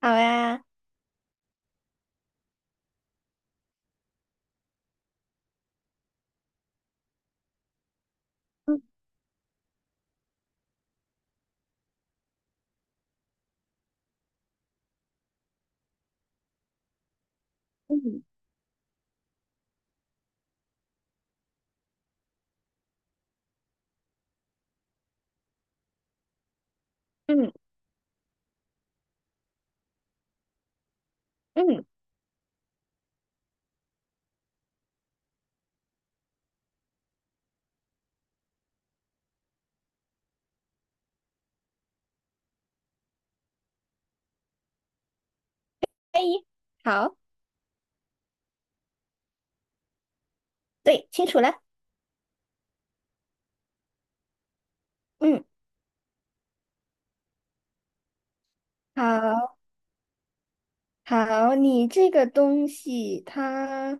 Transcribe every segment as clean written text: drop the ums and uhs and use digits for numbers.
好呀。嗯嗯嗯，嗯，可以。好。对，清楚了。嗯，好好，你这个东西它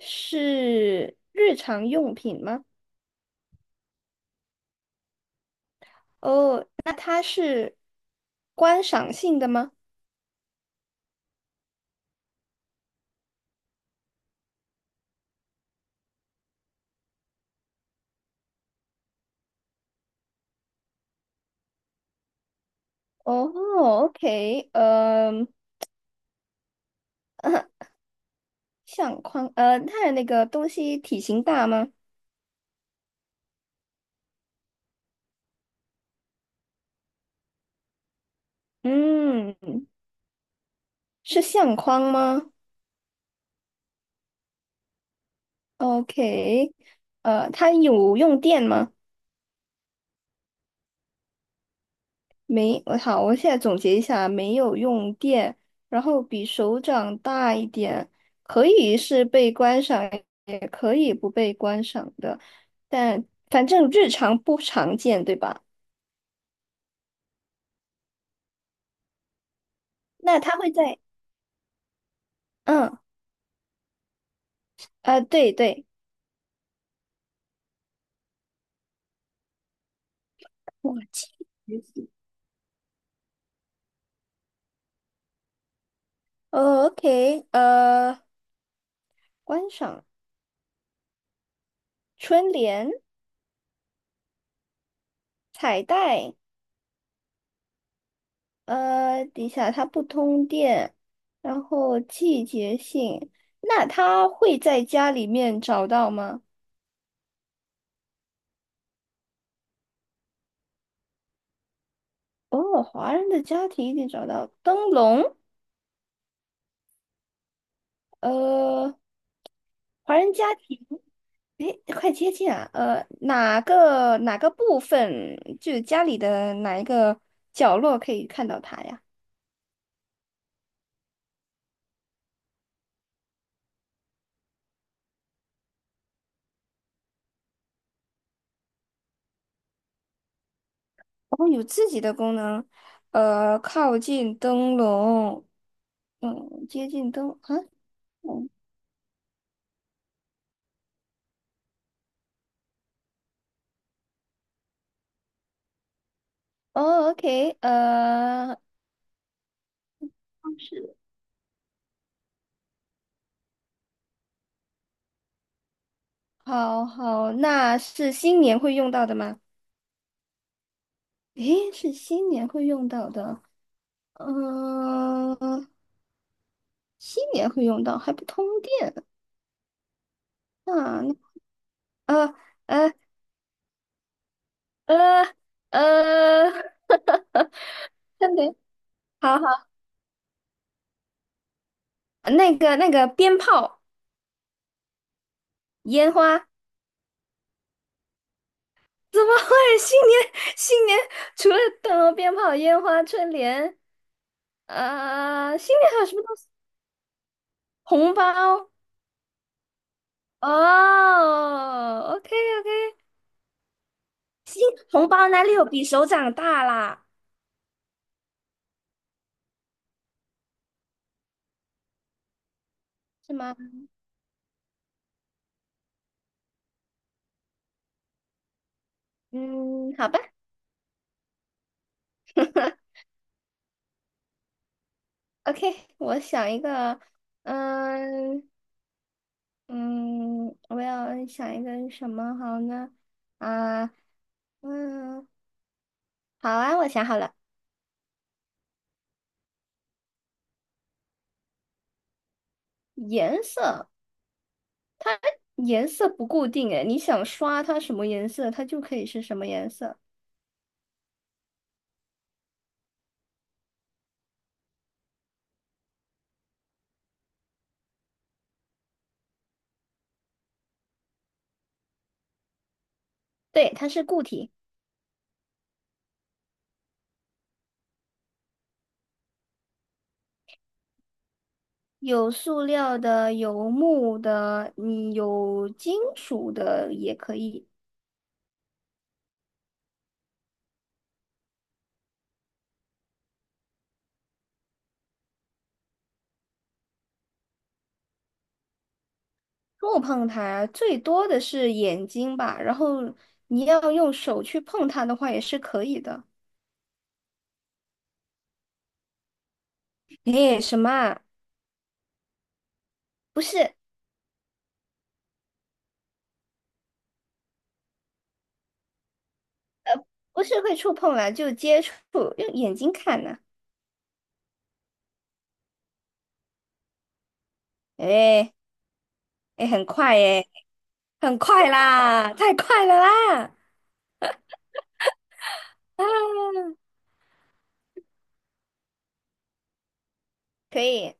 是日常用品吗？哦，那它是观赏性的吗？哦，OK，相框，它的那个东西体型大吗？嗯，是相框吗？OK，它有用电吗？没，我好，我现在总结一下，没有用电，然后比手掌大一点，可以是被观赏，也可以不被观赏的，但反正日常不常见，对吧？那它会在嗯，啊，对对，我记得哦，OK，观赏春联、彩带。底下它不通电，然后季节性，那它会在家里面找到吗？哦，华人的家庭一定找到灯笼。呃，华人家庭，诶，快接近啊。呃，哪个部分，就是家里的哪一个角落可以看到它呀？然后有自己的功能。靠近灯笼，嗯，接近灯啊。嗯哦，OK，是。好好，那是新年会用到的吗？诶，是新年会用到的。嗯、新年会用到，还不通电。那那呃呃呃呃，等等，好好，那个那个鞭炮、烟花，怎么会新年除了等鞭炮、烟花、春联，呃，新年还有什么东西？红包。哦，OK。 OK。金红包哪里有比手掌大啦？是吗？嗯，好吧。OK，我想一个。嗯嗯，我要想一个什么好呢？啊，嗯，好啊，我想好了。颜色，颜色不固定诶，你想刷它什么颜色，它就可以是什么颜色。对，它是固体。有塑料的，有木的，有金属的也可以。触碰它最多的是眼睛吧，然后你要用手去碰它的话也是可以的。诶，什么啊？不是，不是会触碰啦，就接触，用眼睛看呢、诶，很快诶，很快啦，太快了啦！啊，可以。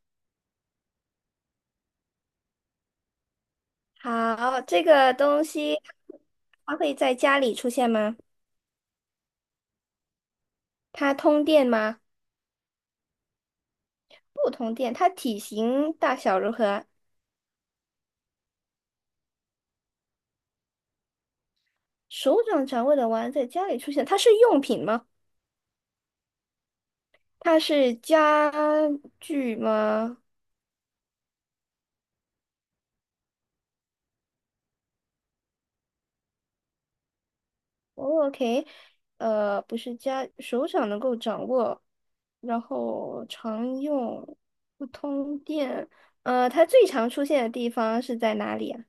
好，这个东西它会在家里出现吗？它通电吗？不通电。它体型大小如何啊？手掌掌握的玩在家里出现，它是用品吗？它是家具吗？哦，OK，呃，不是家，手掌能够掌握，然后常用，不通电。它最常出现的地方是在哪里啊？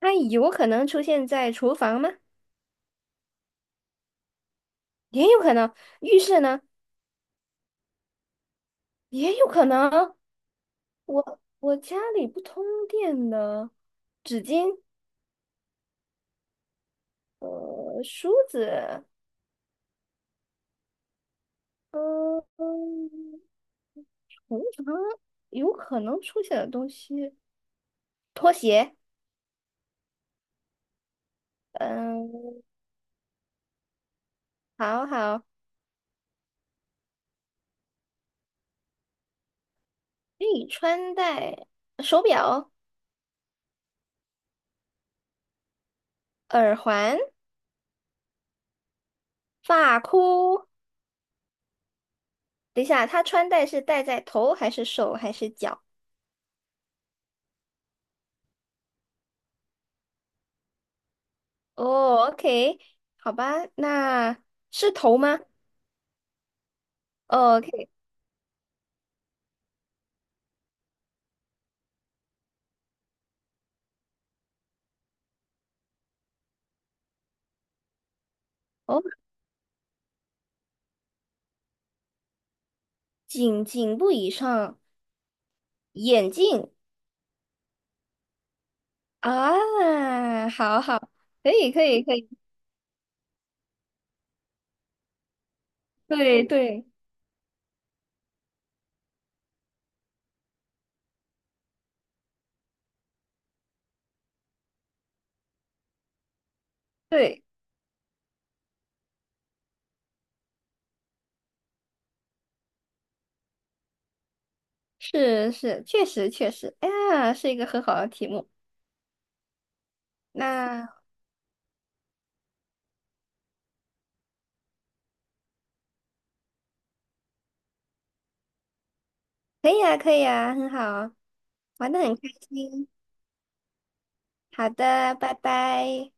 它有可能出现在厨房吗？也有可能。浴室呢？也有可能。我家里不通电的，纸巾、梳子，嗯嗯，通常有可能出现的东西。拖鞋。嗯，好好，可以穿戴手表、耳环、发箍。等一下，他穿戴是戴在头还是手还是脚？哦，OK，好吧，那是头吗？哦，OK，哦，颈部以上，眼镜。啊，好好，可以可以可以，对对对，是是，确实确实，哎呀，是一个很好的题目。那可以啊，可以啊，很好啊。玩得很开心。好的，拜拜。